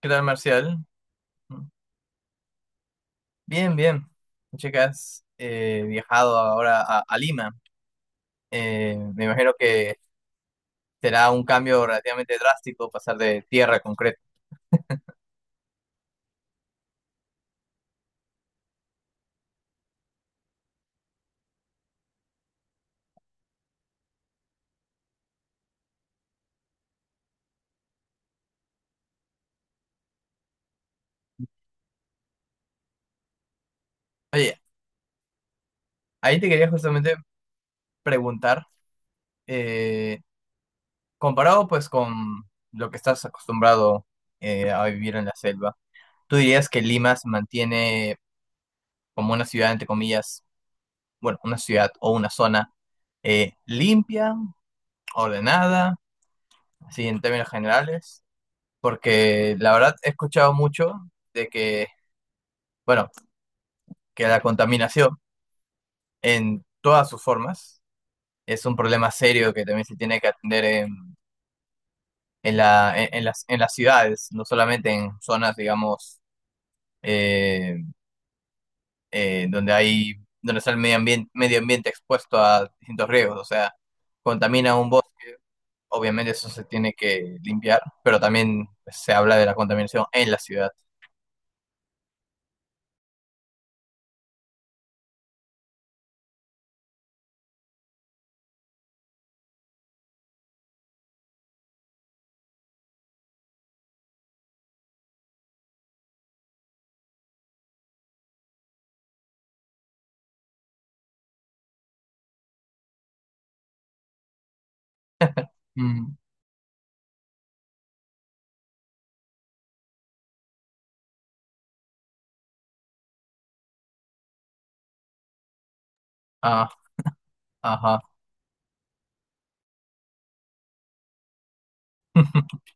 ¿Qué tal, Marcial? Bien, bien. Che, que has viajado ahora a Lima. Me imagino que será un cambio relativamente drástico pasar de tierra a concreto. Oye, ahí te quería justamente preguntar, eh, comparado pues con lo que estás acostumbrado a vivir en la selva, ¿tú dirías que Lima se mantiene como una ciudad, entre comillas, bueno, una ciudad o una zona limpia, ordenada, así en términos generales? Porque la verdad he escuchado mucho de que, bueno, que la contaminación en todas sus formas es un problema serio que también se tiene que atender en la, en las ciudades, no solamente en zonas, digamos, eh, donde hay, donde está el medio ambiente expuesto a distintos riesgos, o sea, contamina un bosque, obviamente eso se tiene que limpiar, pero también se habla de la contaminación en la ciudad. Mm, ah, ajá.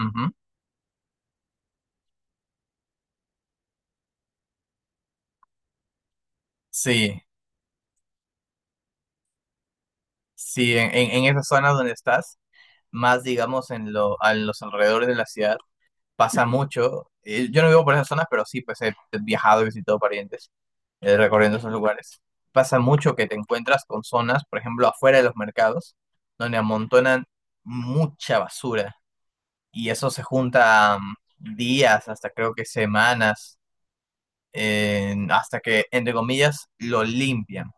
Ujú. Sí. Sí, en esa zona donde estás, más digamos en lo, a los alrededores de la ciudad, pasa mucho. Yo no vivo por esas zonas, pero sí, pues he viajado y visitado parientes recorriendo esos lugares. Pasa mucho que te encuentras con zonas, por ejemplo, afuera de los mercados, donde amontonan mucha basura y eso se junta días, hasta creo que semanas, hasta que, entre comillas, lo limpian,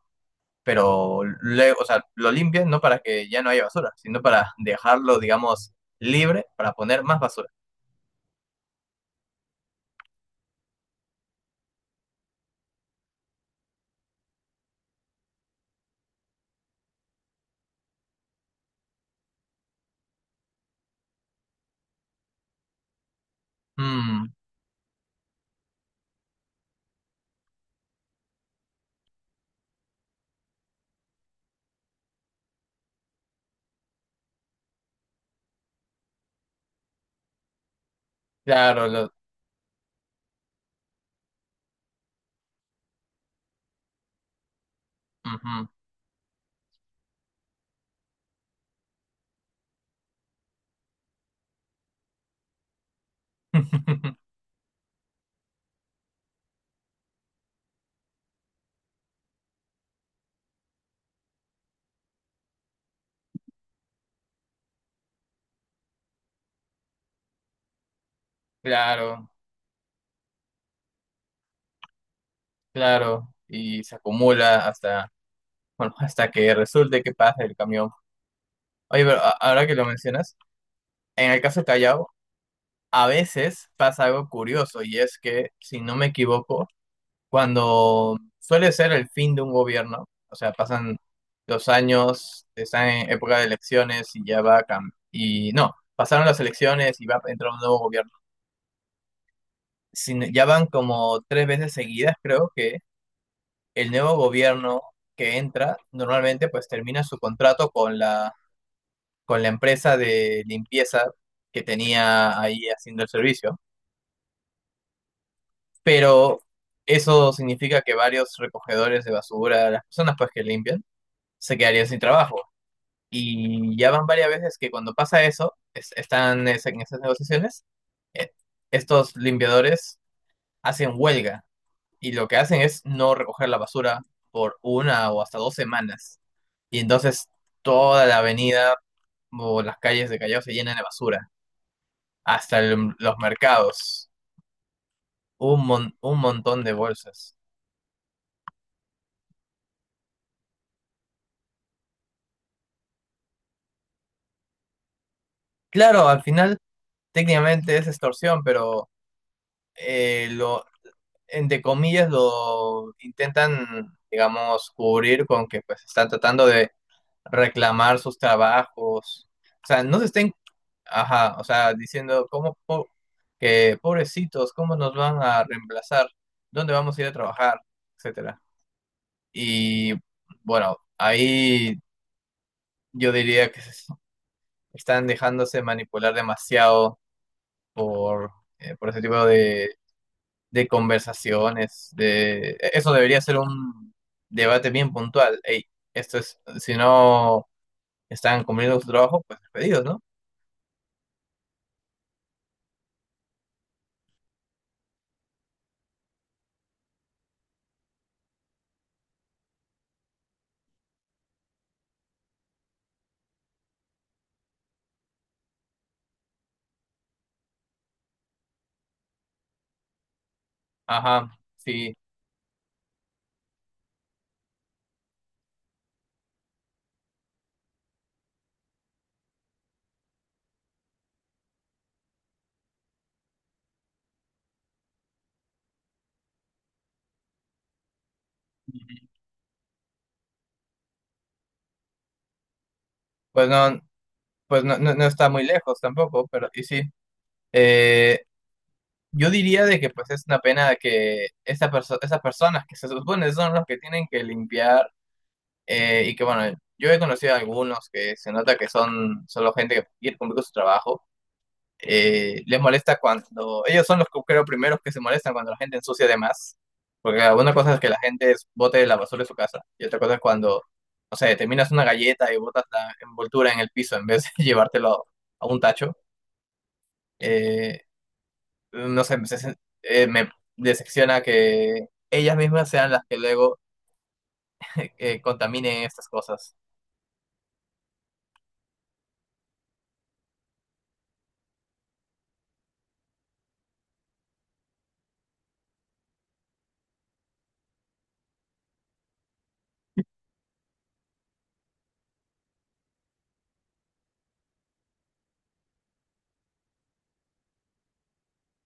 pero luego, o sea, lo limpian no para que ya no haya basura, sino para dejarlo, digamos, libre para poner más basura. Mm, claro, ujú. Claro, claro, y se acumula hasta, bueno, hasta que resulte que pasa el camión. Oye, pero ahora que lo mencionas, en el caso de Callao, a veces pasa algo curioso y es que, si no me equivoco, cuando suele ser el fin de un gobierno, o sea, pasan los años, están en época de elecciones y ya va a cambiar. Y no, pasaron las elecciones y va a entrar un nuevo gobierno. Ya van como tres veces seguidas, creo que el nuevo gobierno que entra normalmente pues termina su contrato con con la empresa de limpieza que tenía ahí haciendo el servicio. Pero eso significa que varios recogedores de basura, las personas pues que limpian, se quedarían sin trabajo. Y ya van varias veces que cuando pasa eso, en esas negociaciones, eh, estos limpiadores hacen huelga y lo que hacen es no recoger la basura por una o hasta dos semanas. Y entonces toda la avenida o las calles de Callao se llenan de basura, hasta los mercados, un montón de bolsas. Claro, al final técnicamente es extorsión, pero lo entre comillas, lo intentan, digamos, cubrir con que pues están tratando de reclamar sus trabajos. O sea, no se estén, ajá, o sea, diciendo que pobrecitos, cómo nos van a reemplazar, dónde vamos a ir a trabajar, etcétera. Y bueno, ahí yo diría que se están dejándose manipular demasiado por, por ese tipo de conversaciones, eso debería ser un debate bien puntual. Ey, esto es, si no están cumpliendo su trabajo, pues despedidos, ¿no? Ajá, sí. Pues no, pues no está muy lejos tampoco, pero y sí. Eh, yo diría de que pues es una pena que esas personas que se supone son los que tienen que limpiar, y que bueno, yo he conocido a algunos que se nota que son solo gente que quiere cumplir con su trabajo. Les molesta cuando, ellos son los que creo primeros que se molestan cuando la gente ensucia de más, porque una cosa es que la gente bote la basura de su casa y otra cosa es cuando, no sé, terminas una galleta y botas la envoltura en el piso en vez de llevártelo a un tacho. Eh, no sé, me, se- eh, me decepciona que ellas mismas sean las que luego contaminen estas cosas.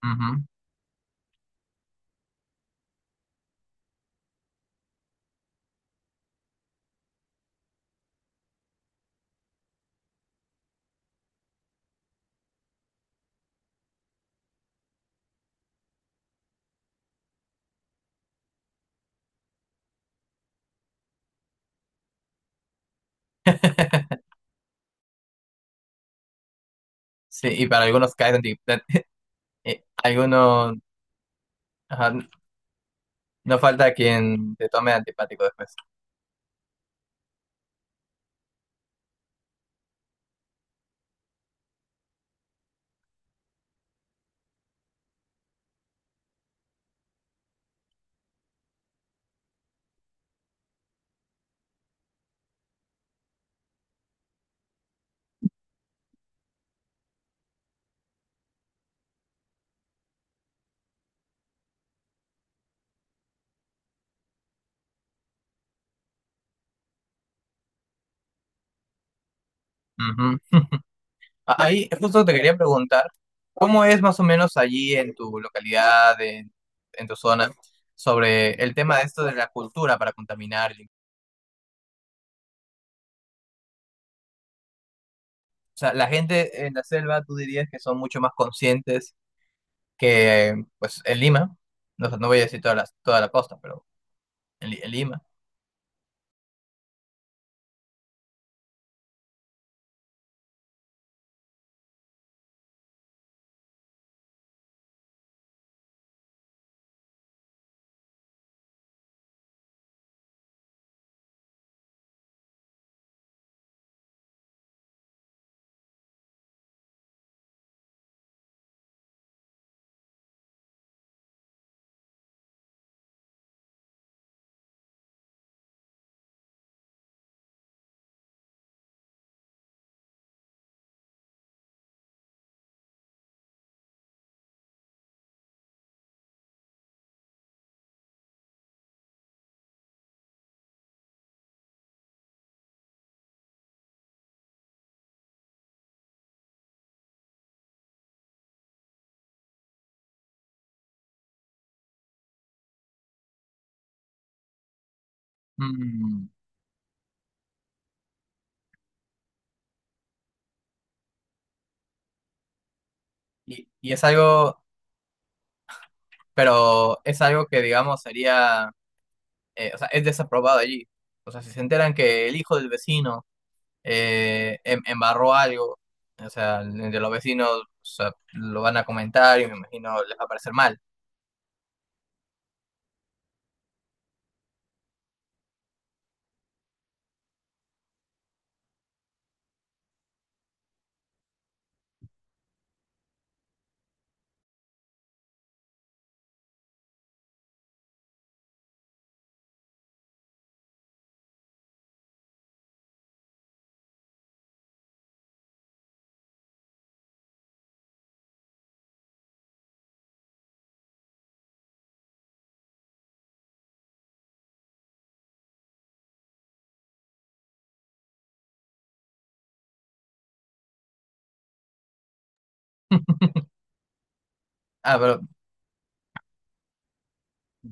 Ujú. Sí, y para algunos caes eh, algunos, ajá, no falta quien te tome antipático después. Ujú. Ahí justo te quería preguntar, ¿cómo es más o menos allí en tu localidad, en tu zona, sobre el tema de esto de la cultura para contaminar? O sea, la gente en la selva, tú dirías que son mucho más conscientes que, pues, en Lima. No, sé, no voy a decir toda la costa, pero en Lima. Mm. Y es algo, pero es algo que, digamos, sería, o sea, es desaprobado allí. O sea, si se enteran que el hijo del vecino embarró algo, o sea, de los vecinos, o sea, lo van a comentar y me imagino les va a parecer mal. Ah, pero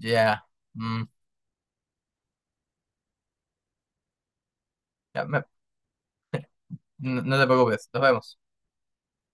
ya, mm, ya me- no, no te preocupes, nos vemos.